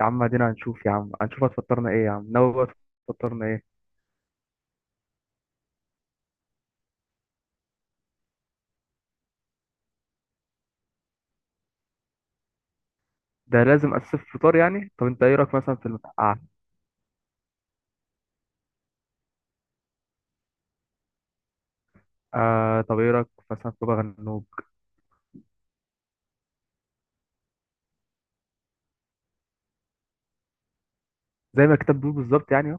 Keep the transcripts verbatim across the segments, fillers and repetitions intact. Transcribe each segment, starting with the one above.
يا عم ادينا، هنشوف يا عم، هنشوف هتفطرنا ايه يا عم، ناوي بقى تفطرنا ايه؟ ده لازم، اسف، فطار يعني. طب انت ايه رايك مثلا في المسقعه؟ آه آه، طب ايه رايك مثلا في بابا غنوج؟ زي ما الكتاب بيقول بالظبط يعني اهو.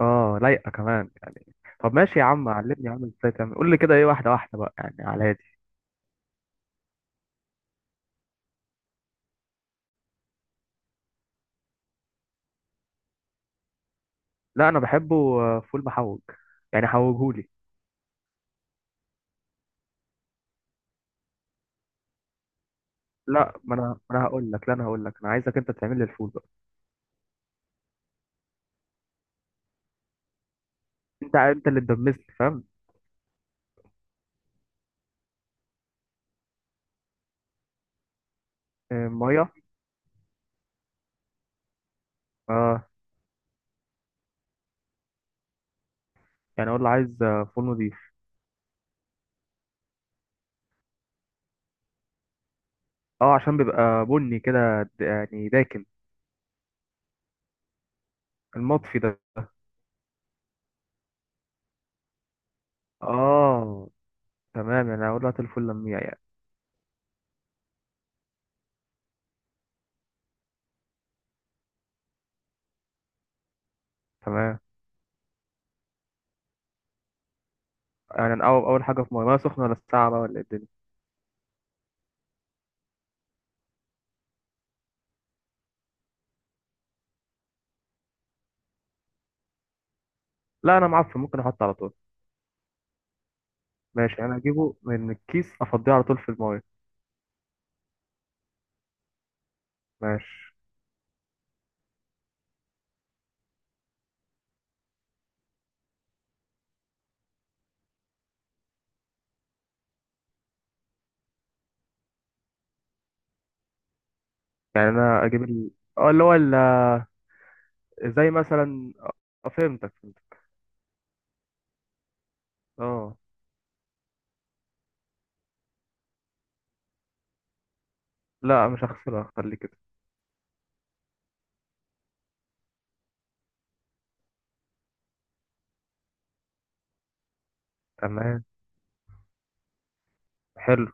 اه، لايقه كمان يعني. طب ماشي يا عم، علمني يا عم ازاي تعمل، قول لي كده ايه، واحده واحده بقى يعني على هادي. لا انا بحبه. آه، فول محوج، يعني حوجهولي. لا ما انا ما انا هقول لك، لا، انا هقول لك انا عايزك انت تعمل لي الفول بقى. انت انت اللي تدمسني، فاهم؟ آه، ميه. اه، يعني اقول له عايز آه، فول نضيف. اه، عشان بيبقى بني كده، د- يعني داكن. المطفي ده؟ اه. تمام، يعني اقول لك الفل لميع يعني. تمام. يعني أنا اول اول حاجه في ميه، ميه سخنه؟ ولا الساعه بقى ولا إيه الدنيا؟ لا انا معفن، ممكن احط على طول. ماشي، انا اجيبه من الكيس افضيه على طول في الميه. ماشي. يعني انا اجيب ال... اه اللي هو ال- زي مثلا آه، فهمتك فهمتك. اه. لا مش هغسله، هخليه كده. تمام. حلو.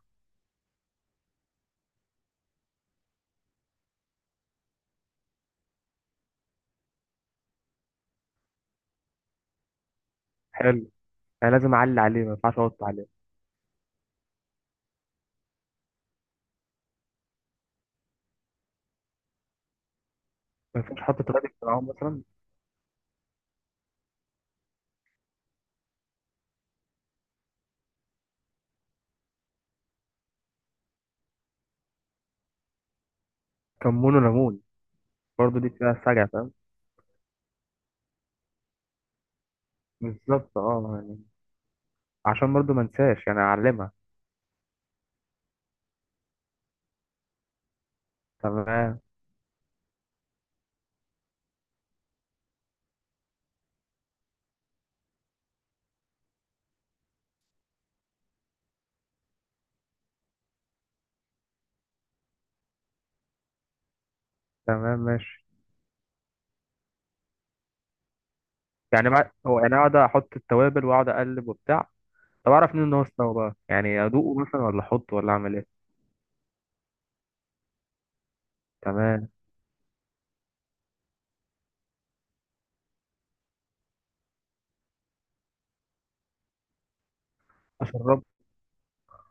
حلو، يعني لازم اعلي عليه، ما ينفعش احط عليه. ما ينفعش احط تراب معاهم مثلا؟ كمون وليمون، برضه دي فيها سجع، فاهم؟ بالظبط، اه يعني عشان برضو ما انساش يعني اعلمها. تمام. تمام، ماشي. يعني مع... هو يعني اقعد احط التوابل واقعد اقلب وبتاع. طب اعرف منين ان هو استوى بقى؟ يعني ادوقه مثلا ولا احطه ولا اعمل ايه؟ تمام. اشرب.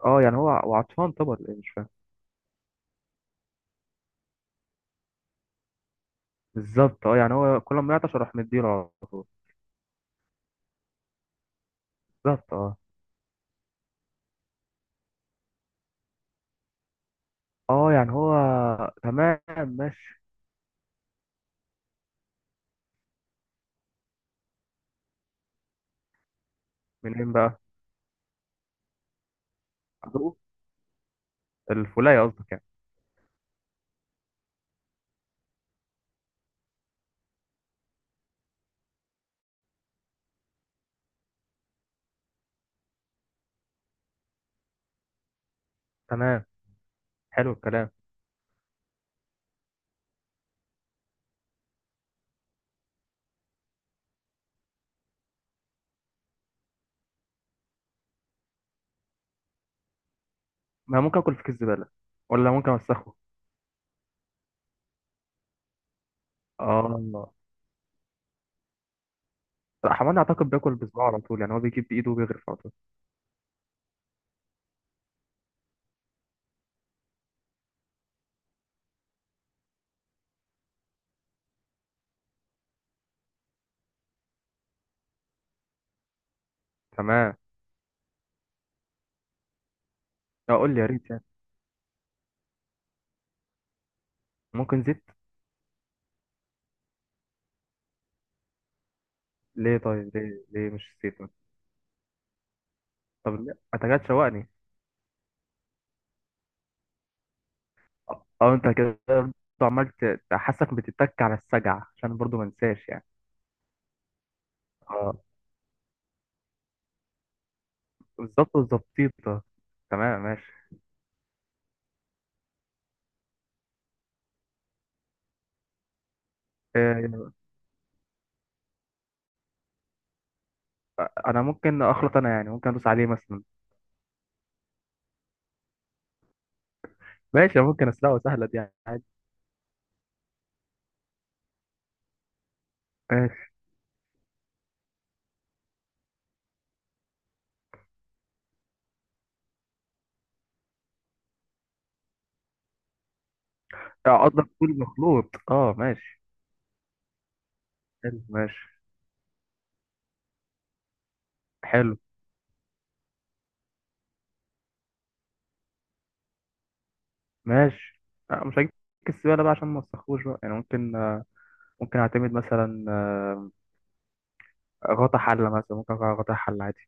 اه، يعني هو وعطشان طبعا، ليه مش فاهم. بالظبط، اه يعني هو كل ما يعطش اروح مديله على طول. بالظبط، اه اه يعني هو. تمام. ماشي. منين بقى؟ ادوقه؟ الفولايه قصدك يعني. تمام. حلو الكلام. ما ممكن اكل في كيس زباله، ولا ممكن اوسخه. اه. لا، حماني اعتقد بياكل بصباعه على طول، يعني هو بيجيب بايده وبيغرف على طول. تمام. لا قول لي، يا ريت يعني. ممكن زيت. ليه؟ طيب ليه ليه مش زيت مثلا؟ طب ليه انت كده تشوقني؟ اه. آه، انت كده برضه عمال ت- تحسك بتتك على السجع، عشان برضه ما انساش يعني. اه، بالظبط، بالظبط. تمام، ماشي. آه، انا ممكن اخلط انا، يعني ممكن ادوس عليه مثلا. ماشي، ممكن اسلقه، سهله دي يعني عادي. ماشي. آه، قصدك كل مخلوط، اه ماشي. حلو ماشي. حلو. ماشي. أه، مش هجيب السبالة بقى، عشان ما تسخوش بقى يعني. ممكن آه، ممكن اعتمد مثلا، آه، غطا حلة مثلا. ممكن أقع غطا حلة عادي.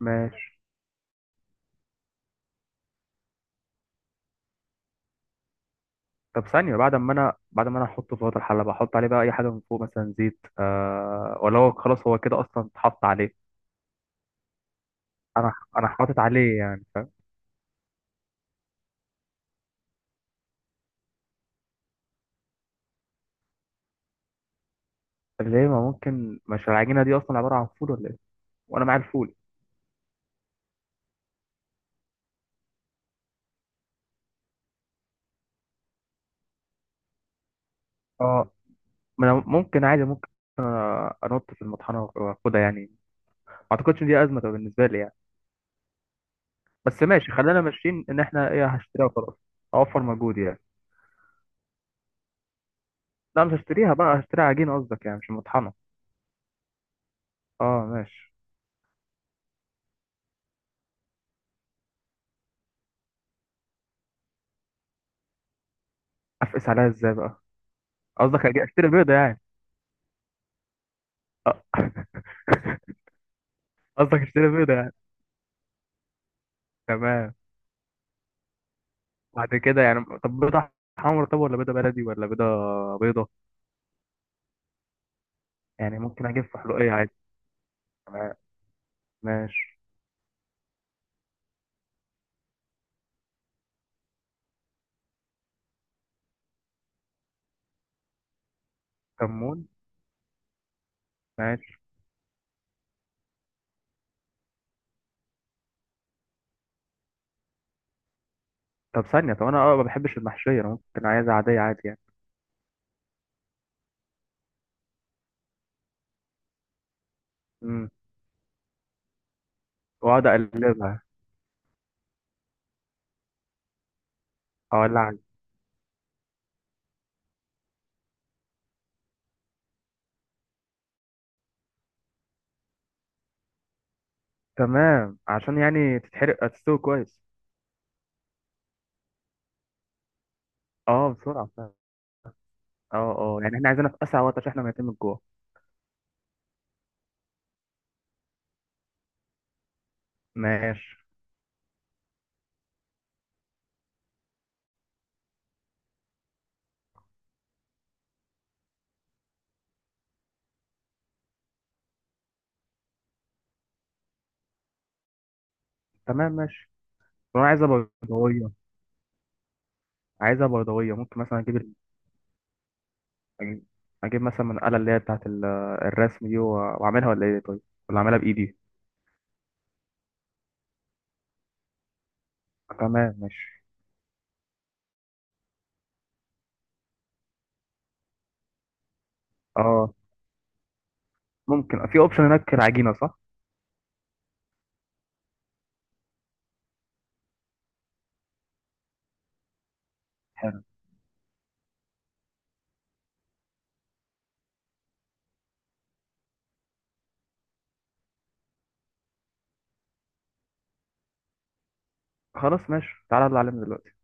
ماشي. طب ثانية، بعد ما انا بعد ما انا احطه في غطا الحلة، بحط عليه بقى اي حاجة من فوق مثلا زيت، أه ولا هو خلاص، هو كده اصلا اتحط عليه؟ انا انا حاطط عليه يعني، فاهم؟ طب ليه؟ ما ممكن؟ مش العجينة دي اصلا عبارة عن فول ولا ايه؟ وانا معايا الفول. اه، ما أنا ممكن عادي، ممكن آه، انط في المطحنة واخدها يعني. ما اعتقدش ان دي ازمة بالنسبة لي يعني. بس ماشي، خلينا ماشيين ان احنا ايه، هشتريها وخلاص. اوفر مجهود يعني. لا مش هشتريها بقى، هشتري عجينه قصدك يعني، مش مطحنه. اه ماشي. افقس عليها ازاي بقى؟ قصدك أجي- اشتري بيضه يعني؟ آه. قصدك اشتري بيضه يعني. تمام. بعد كده يعني، طب بيضه حمرا طب، ولا بيضه بلدي، ولا بيضه؟ بيضه يعني ممكن اجيب فحلوقيه عادي. تمام ماشي. كمون. ماشي. طب ثانيه، طب انا اه ما بحبش المحشيه، انا ممكن عايزها عاديه، عادي يعني. امم واقعد اقلبها. اولعها. تمام، عشان يعني تتحرق، تستوي كويس. اه بسرعة فعلا. اه اه، يعني احنا عايزينها في اسرع وقت عشان احنا ميتين من الجوع. ماشي. تمام ماشي. طب انا عايزة بيضاوية. عايزة بيضاوية، ممكن مثلا اجيب ال- اجيب مثلا من الآلة اللي هي بتاعت ال- الرسم دي و- واعملها، ولا ايه طيب؟ ولا اعملها بايدي. تمام ماشي. اه ممكن، في اوبشن هناك العجينة، صح. حلو. خلاص ماشي، تعالى اللي علمنا دلوقتي.